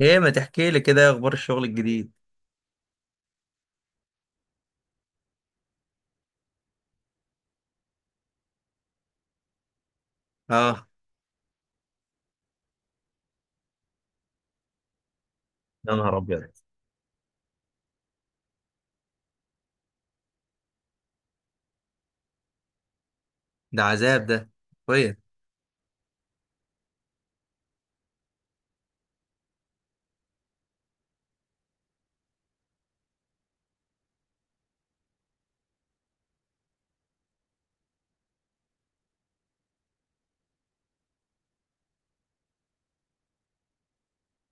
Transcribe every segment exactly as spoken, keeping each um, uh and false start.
ايه، ما تحكي لي كده؟ إيه اخبار الشغل الجديد؟ اه. يا نهار ابيض. ده عذاب ده. كويس.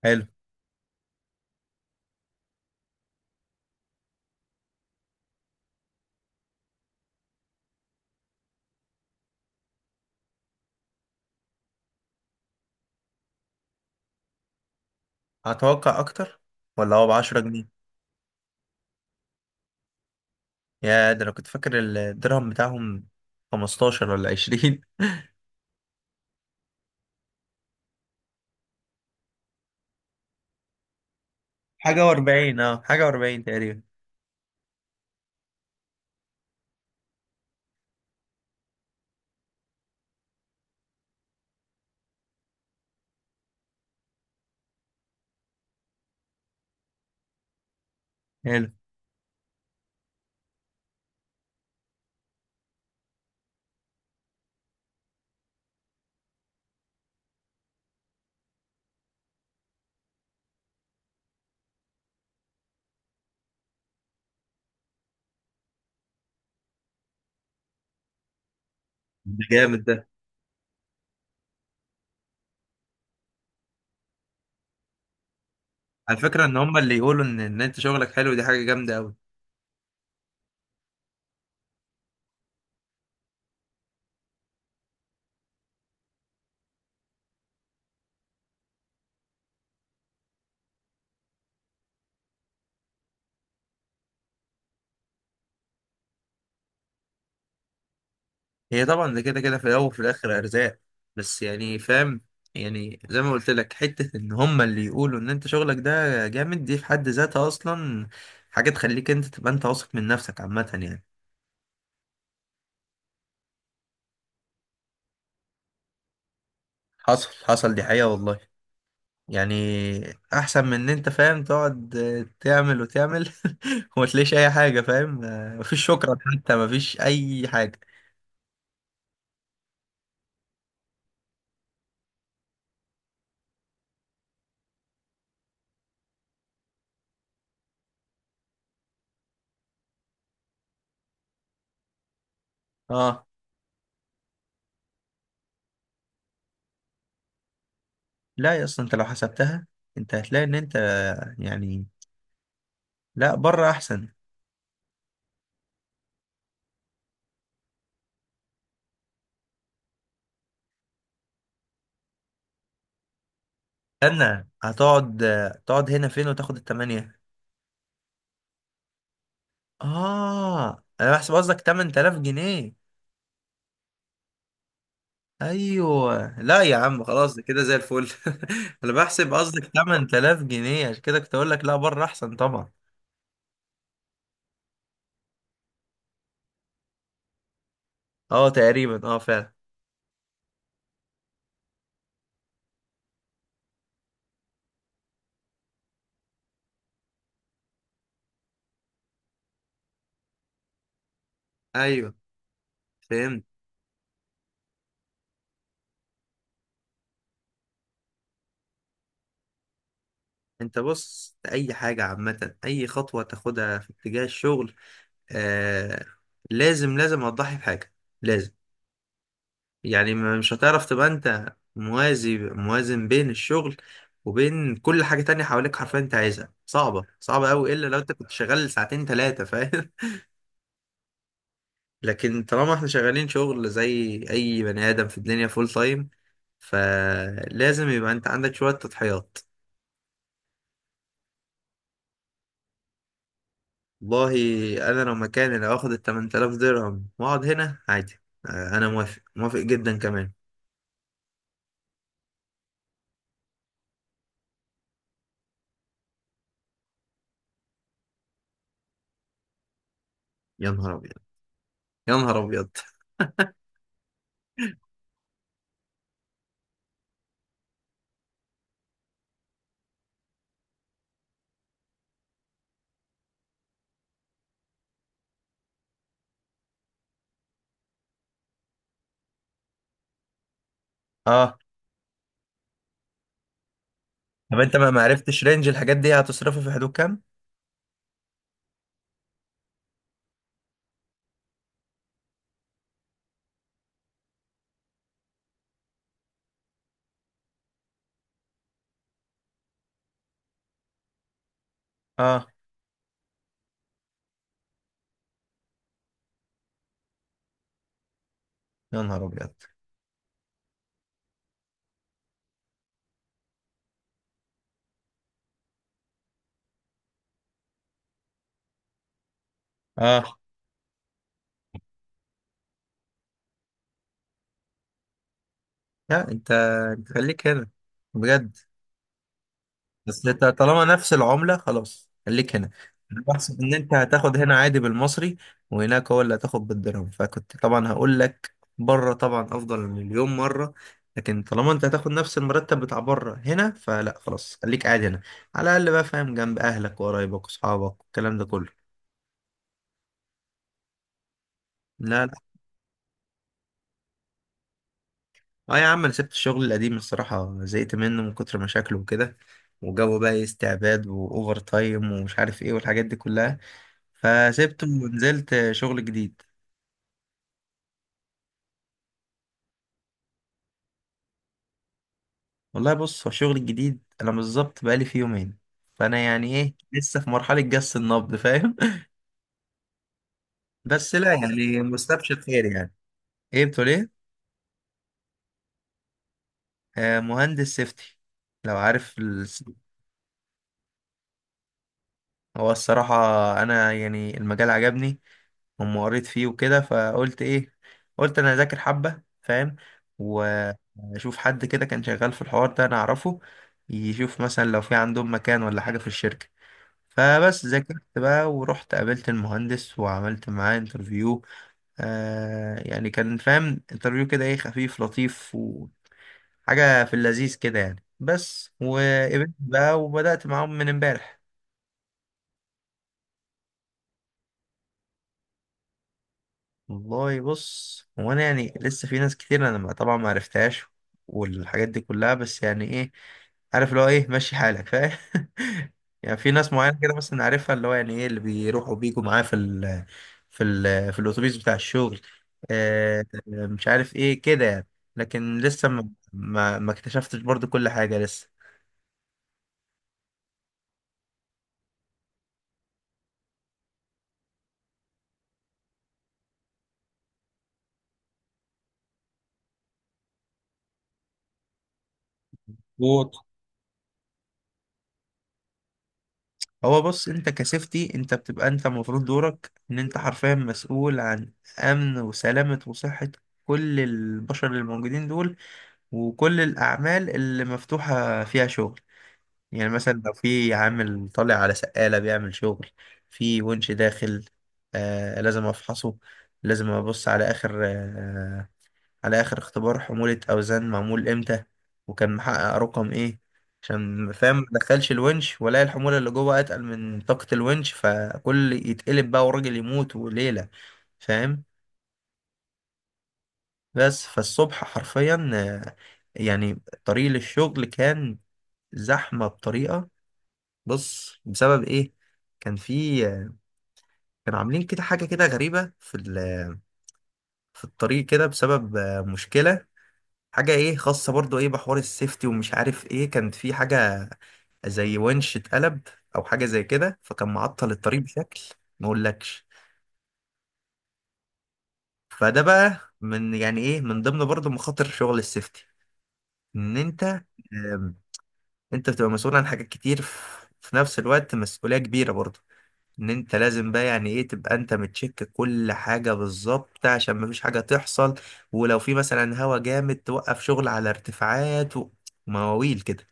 حلو. هتوقع اكتر ولا هو ب عشرة جنيه؟ يا ده انا كنت فاكر الدرهم بتاعهم خمسة عشر ولا عشرين. حاجة و40، اه حاجة و40 تقريبا. حلو. ده جامد ده. على فكرة ان هم اللي يقولوا ان ان انت شغلك حلو، دي حاجة جامدة قوي. هي طبعا ده كده كده، في الاول وفي الاخر ارزاق، بس يعني فاهم، يعني زي ما قلت لك حته، ان هما اللي يقولوا ان انت شغلك ده جامد دي في حد ذاتها اصلا حاجه تخليك انت تبقى انت واثق من نفسك عامه يعني. حصل حصل دي حقيقه والله. يعني احسن من ان انت فاهم تقعد تعمل وتعمل وما تلاقيش اي حاجه، فاهم؟ مفيش شكرا حتى، مفيش اي حاجه. اه. لا يا، اصلا انت لو حسبتها انت هتلاقي ان انت يعني لا، بره احسن. استنى، هتقعد تقعد هنا فين وتاخد التمانية؟ اه انا بحسب قصدك تمن تلاف جنيه. ايوه لا يا عم، خلاص ده كده زي الفل. انا بحسب قصدك تمن تلاف جنيه، عشان كده كنت اقول لك لا، بره احسن طبعا. اه تقريبا، اه فعلا. ايوه، فهمت. انت بص، اي حاجه عامه اي خطوه تاخدها في اتجاه الشغل آه لازم، لازم هتضحي بحاجه، لازم. يعني ما- مش هتعرف تبقى انت موازي موازن بين الشغل وبين كل حاجة تانية حواليك حرفيا، انت عايزها صعبة صعبة قوي الا لو انت كنت شغال ساعتين ثلاثة، فاهم؟ لكن طالما احنا شغالين شغل زي اي بني ادم في الدنيا فول تايم، فلازم يبقى انت عندك شوية تضحيات. والله انا لو مكاني، لو اخد ال تمن تلاف درهم واقعد هنا عادي آه، انا موافق موافق جدا كمان. يا نهار ابيض، يا نهار ابيض. اه. طب انت ما معرفتش رينج الحاجات دي هتصرفه في حدود كام؟ اه يا نهار ابيض. اه لا انت، انت خليك هنا بجد. بس انت طالما نفس العملة خلاص خليك هنا. انا بحسب ان انت هتاخد هنا عادي بالمصري وهناك هو اللي هتاخد بالدرهم، فكنت طبعا هقول لك بره طبعا افضل مليون مرة. لكن طالما انت هتاخد نفس المرتب بتاع بره هنا، فلا، خلاص خليك قاعد هنا. على الاقل بقى فاهم، جنب اهلك وقرايبك واصحابك والكلام ده كله. لا لا. اه يا عم، انا سبت الشغل القديم الصراحة، زهقت منه من كتر مشاكله وكده، وجو بقى إيه استعباد واوفر تايم ومش عارف ايه والحاجات دي كلها، فسبته ونزلت شغل جديد. والله بص، هو الشغل الجديد انا بالظبط بقالي فيه يومين، فانا يعني ايه لسه في مرحلة جس النبض، فاهم؟ بس لا يعني مستبشر خير يعني. ايه بتقول؟ ايه؟ آه، مهندس سيفتي، لو عارف ال... هو الصراحة انا يعني المجال عجبني أما قريت فيه وكده، فقلت إيه، قلت أنا أذاكر حبة، فاهم؟ وأشوف حد كده كان شغال في الحوار ده أنا أعرفه يشوف مثلا لو في عندهم مكان ولا حاجة في الشركة. فبس ذاكرت بقى ورحت قابلت المهندس وعملت معاه انترفيو. آه يعني كان فاهم انترفيو كده ايه، خفيف لطيف وحاجة في اللذيذ كده يعني. بس وقبلت بقى وبدأت معاهم من امبارح. والله بص، هو انا يعني لسه في ناس كتير انا ما- طبعا ما عرفتهاش والحاجات دي كلها، بس يعني ايه، عارف اللي هو ايه ماشي حالك، فاهم؟ يعني في ناس معينه كده مثلا عارفها، اللي هو يعني ايه اللي بيروحوا بيجوا معاه في ال في ال في الاتوبيس بتاع الشغل. آه مش عارف ايه كده يعني. لكن لسه ما ما ما اكتشفتش برضو كل حاجه لسه. هو بص، انت كسيفتي انت بتبقى انت المفروض دورك ان انت حرفيا مسؤول عن امن وسلامة وصحة كل البشر اللي موجودين دول، وكل الاعمال اللي مفتوحة فيها شغل. يعني مثلا لو في عامل طالع على سقالة بيعمل شغل في ونش داخل، آه لازم افحصه، لازم ابص على اخر آه، على آخر اختبار حمولة أوزان معمول إمتى، وكان محقق رقم إيه، عشان فاهم ما دخلش الونش ولا الحمولة اللي جوه أتقل من طاقة الونش، فكل يتقلب بقى والراجل يموت وليلة، فاهم. بس فالصبح حرفيا آه، يعني طريق للشغل كان زحمة بطريقة. بص بسبب إيه، كان في آه، كانوا عاملين كده حاجة كده غريبة في ال- آه، في الطريق كده بسبب آه، مشكلة، حاجة ايه خاصة برضو ايه بحوار السيفتي ومش عارف ايه، كانت في حاجة زي ونش اتقلب او حاجة زي كده، فكان معطل الطريق بشكل ما اقولكش. فده بقى من يعني ايه من ضمن برضو مخاطر شغل السيفتي، ان انت آم، انت بتبقى مسؤول عن حاجات كتير في في نفس الوقت، مسؤولية كبيرة برضو. ان انت لازم بقى يعني ايه تبقى انت متشك كل حاجة بالظبط عشان مفيش حاجة تحصل، ولو في مثلا هوا جامد توقف شغل على ارتفاعات ومواويل كده.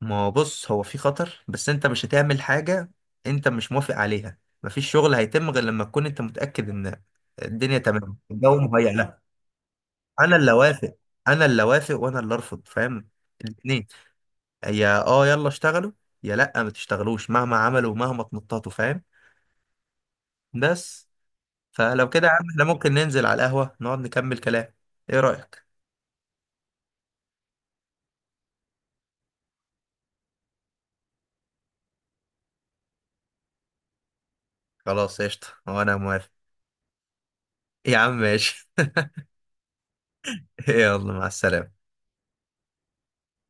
ما هو بص، هو في خطر، بس انت مش هتعمل حاجة انت مش موافق عليها. مفيش شغل هيتم غير لما تكون انت متأكد ان الدنيا تمام، الجو مهيأ لها. انا اللي اوافق، انا اللي اوافق وانا اللي ارفض، فاهم؟ الاتنين. يا اه يلا اشتغلوا، يا لا ما تشتغلوش مهما عملوا ومهما تنططوا، فاهم؟ بس. فلو كده يا عم، احنا ممكن ننزل على القهوة نقعد نكمل كلام، ايه رأيك؟ خلاص قشطة، وانا موافق. يا عم ماشي. يلا مع السلامة.